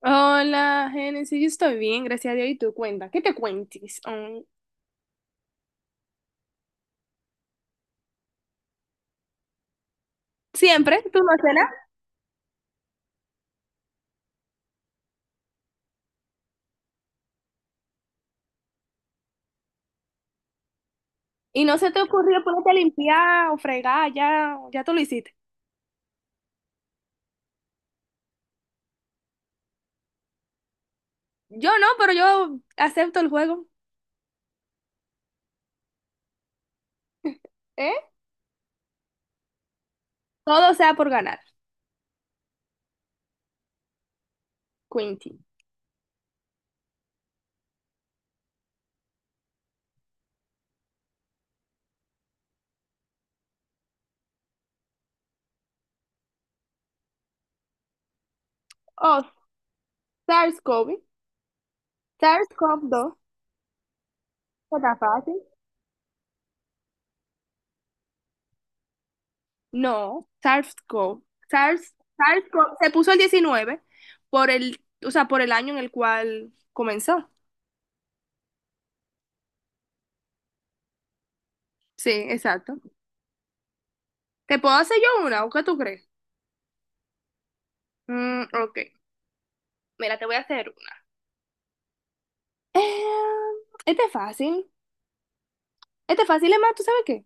Hola, Génesis, yo estoy bien, gracias a Dios. ¿Y tú cuenta? ¿Qué te cuentes? Siempre, tú no haces nada. ¿Y no se te ocurrió ponerte a limpiar o fregar? Ya, ya tú lo hiciste. Yo no, pero yo acepto el juego. ¿Eh? Todo sea por ganar. Quinty. Oh, SARS-CoV. SARS-CoV-2. Dos. ¿Qué tan fácil? No, SARS-CoV. SARS, SARS-CoV. Se puso el 19 por el, o sea, por el año en el cual comenzó. Sí, exacto. ¿Te puedo hacer yo una o qué tú crees? Ok, mira, te voy a hacer una. Eh, este es fácil. Este es fácil, es más, ¿tú sabes qué?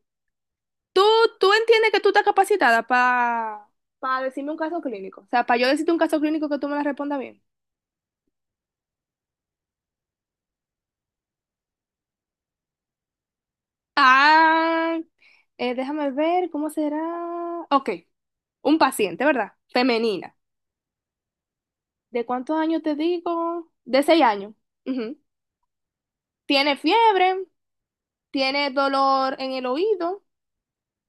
Tú, tú entiendes que tú estás capacitada para decirme un caso clínico. O sea, para yo decirte un caso clínico que tú me la respondas bien. Ah, déjame ver, ¿cómo será? Ok, un paciente, ¿verdad? Femenina. ¿De cuántos años te digo? De seis años. Ujú. Tiene fiebre, tiene dolor en el oído,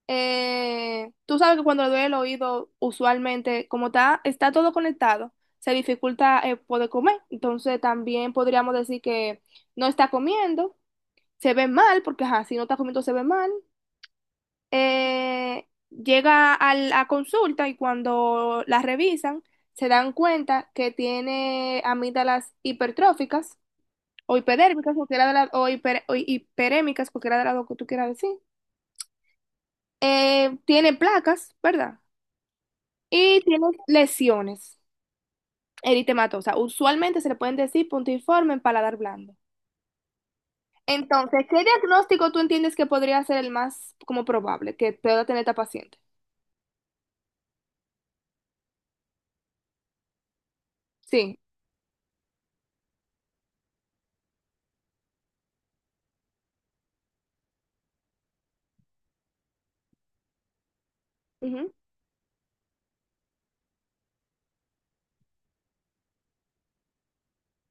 tú sabes que cuando le duele el oído, usualmente, como está, está todo conectado, se dificulta, poder comer. Entonces también podríamos decir que no está comiendo, se ve mal, porque ajá, si no está comiendo se ve mal. Llega a la consulta y cuando la revisan, se dan cuenta que tiene amígdalas hipertróficas o hipodérmicas, cualquiera de las, o, o hiperémicas, cualquiera de las dos que tú quieras decir. Tiene placas, ¿verdad? Y tiene lesiones eritematosas. Usualmente se le pueden decir puntiforme en paladar blando. Entonces, ¿qué diagnóstico tú entiendes que podría ser el más como probable que pueda tener esta paciente? Sí. Ujú.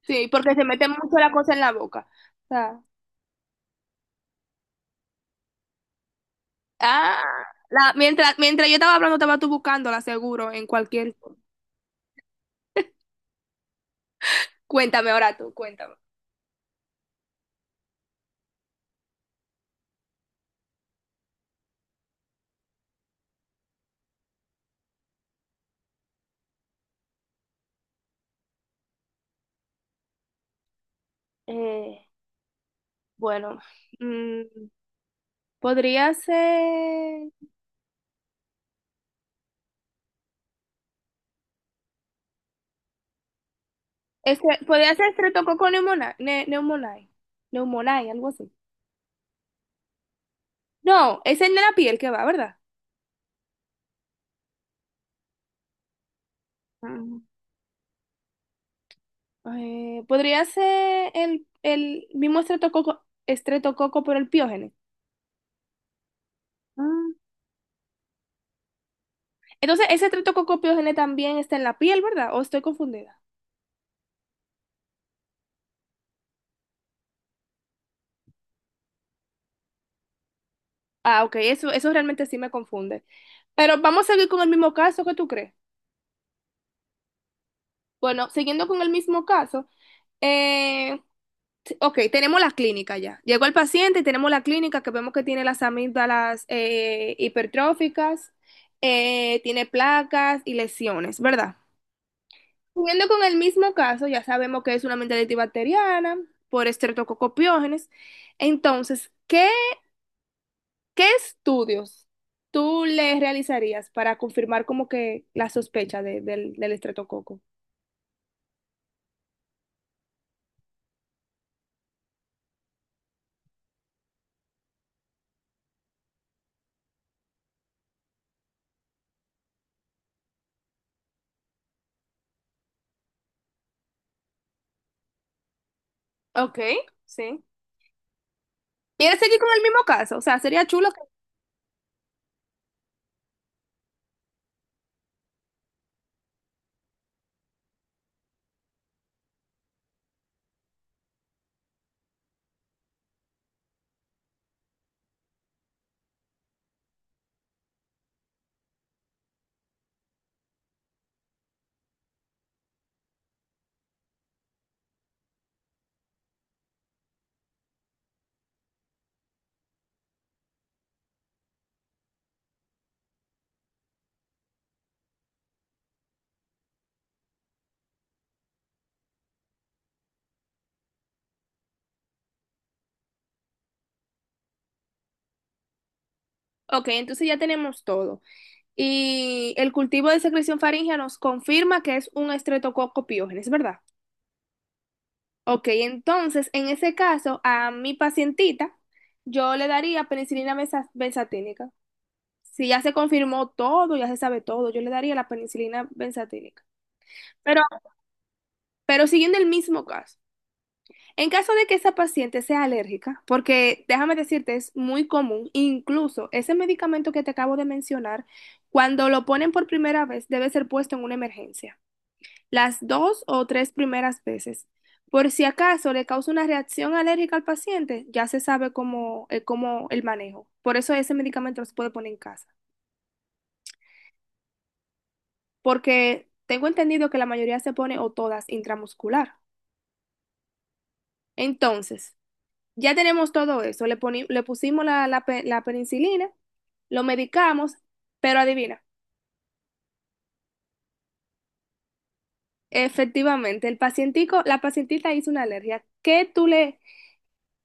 Sí, porque se mete mucho la cosa en la boca. O sea, ah, mientras yo estaba hablando, estaba tú buscándola seguro en cualquier. Cuéntame ahora tú, cuéntame. Eh, bueno, mm, podría ser. Este, podría ser estreptococco pneumoniae, algo así. No, es en la piel que va, ¿verdad? Ah. Podría ser el mismo estreptococo, pero el piógene. Ah, entonces, ese estreptococo piógene también está en la piel, ¿verdad? ¿O estoy confundida? Ah, ok, eso realmente sí me confunde. Pero vamos a seguir con el mismo caso, ¿qué tú crees? Bueno, siguiendo con el mismo caso, eh, sí, ok, tenemos la clínica ya. Llegó el paciente y tenemos la clínica que vemos que tiene las amígdalas, hipertróficas, tiene placas y lesiones, ¿verdad? Siguiendo con el mismo caso, ya sabemos que es una amigdalitis bacteriana por estreptococopiógenes. Entonces, ¿qué estudios tú le realizarías para confirmar como que la sospecha del estreptococo? Ok, sí. ¿Quieres seguir con el mismo caso? O sea, sería chulo. Ok, entonces ya tenemos todo. Y el cultivo de secreción faríngea nos confirma que es un estreptococo piógenes, ¿verdad? Ok, entonces en ese caso, a mi pacientita, yo le daría penicilina benzatínica. Si ya se confirmó todo, ya se sabe todo, yo le daría la penicilina benzatínica. Pero, pero siguiendo el mismo caso. En caso de que esa paciente sea alérgica, porque déjame decirte, es muy común, incluso ese medicamento que te acabo de mencionar, cuando lo ponen por primera vez, debe ser puesto en una emergencia, las dos o tres primeras veces. Por si acaso le causa una reacción alérgica al paciente, ya se sabe cómo el manejo. Por eso ese medicamento no se puede poner en casa, porque tengo entendido que la mayoría se pone o todas intramuscular. Entonces, ya tenemos todo eso. Le pusimos la penicilina, lo medicamos, pero adivina, efectivamente, la pacientita hizo una alergia.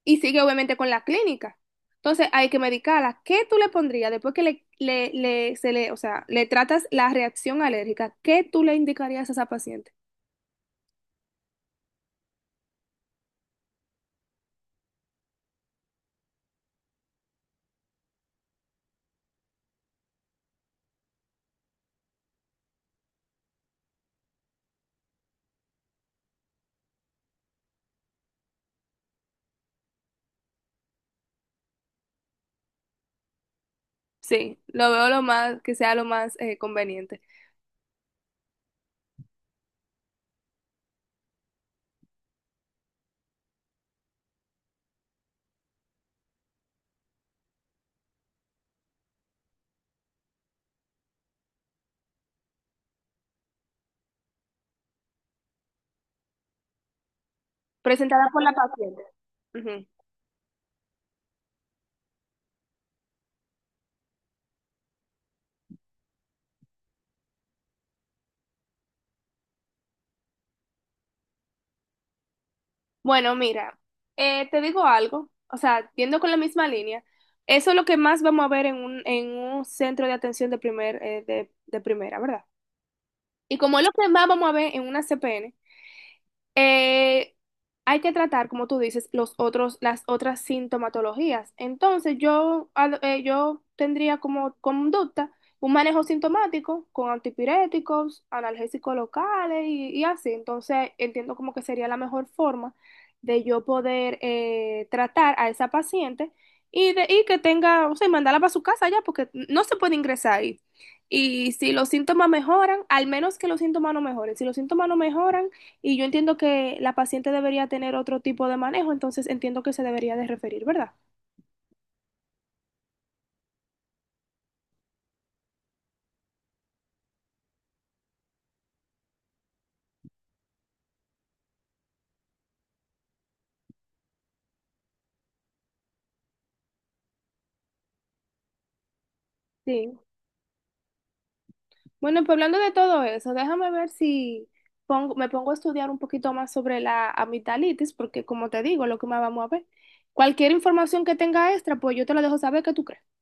Y sigue obviamente con la clínica. Entonces hay que medicarla. ¿Qué tú le pondrías después que o sea, le tratas la reacción alérgica? ¿Qué tú le indicarías a esa paciente? Sí, lo veo que sea lo más conveniente. Presentada por la paciente. Ujú. Bueno, mira, te digo algo, o sea, yendo con la misma línea, eso es lo que más vamos a ver en un centro de atención de primera, ¿verdad? Y como es lo que más vamos a ver en una CPN, eh, hay que tratar, como tú dices, las otras sintomatologías. Entonces, yo tendría como conducta un manejo sintomático con antipiréticos, analgésicos locales y así. Entonces, entiendo como que sería la mejor forma de yo poder tratar a esa paciente y que tenga, o sea, y mandarla para su casa ya, porque no se puede ingresar ahí. Y si los síntomas mejoran, al menos que los síntomas no mejoren, si los síntomas no mejoran, y yo entiendo que la paciente debería tener otro tipo de manejo, entonces entiendo que se debería de referir, ¿verdad? Sí. Bueno, pues hablando de todo eso, déjame ver si me pongo a estudiar un poquito más sobre la amigdalitis, porque como te digo, es lo que más vamos a ver. Cualquier información que tenga extra, pues yo te lo dejo saber, ¿qué tú crees?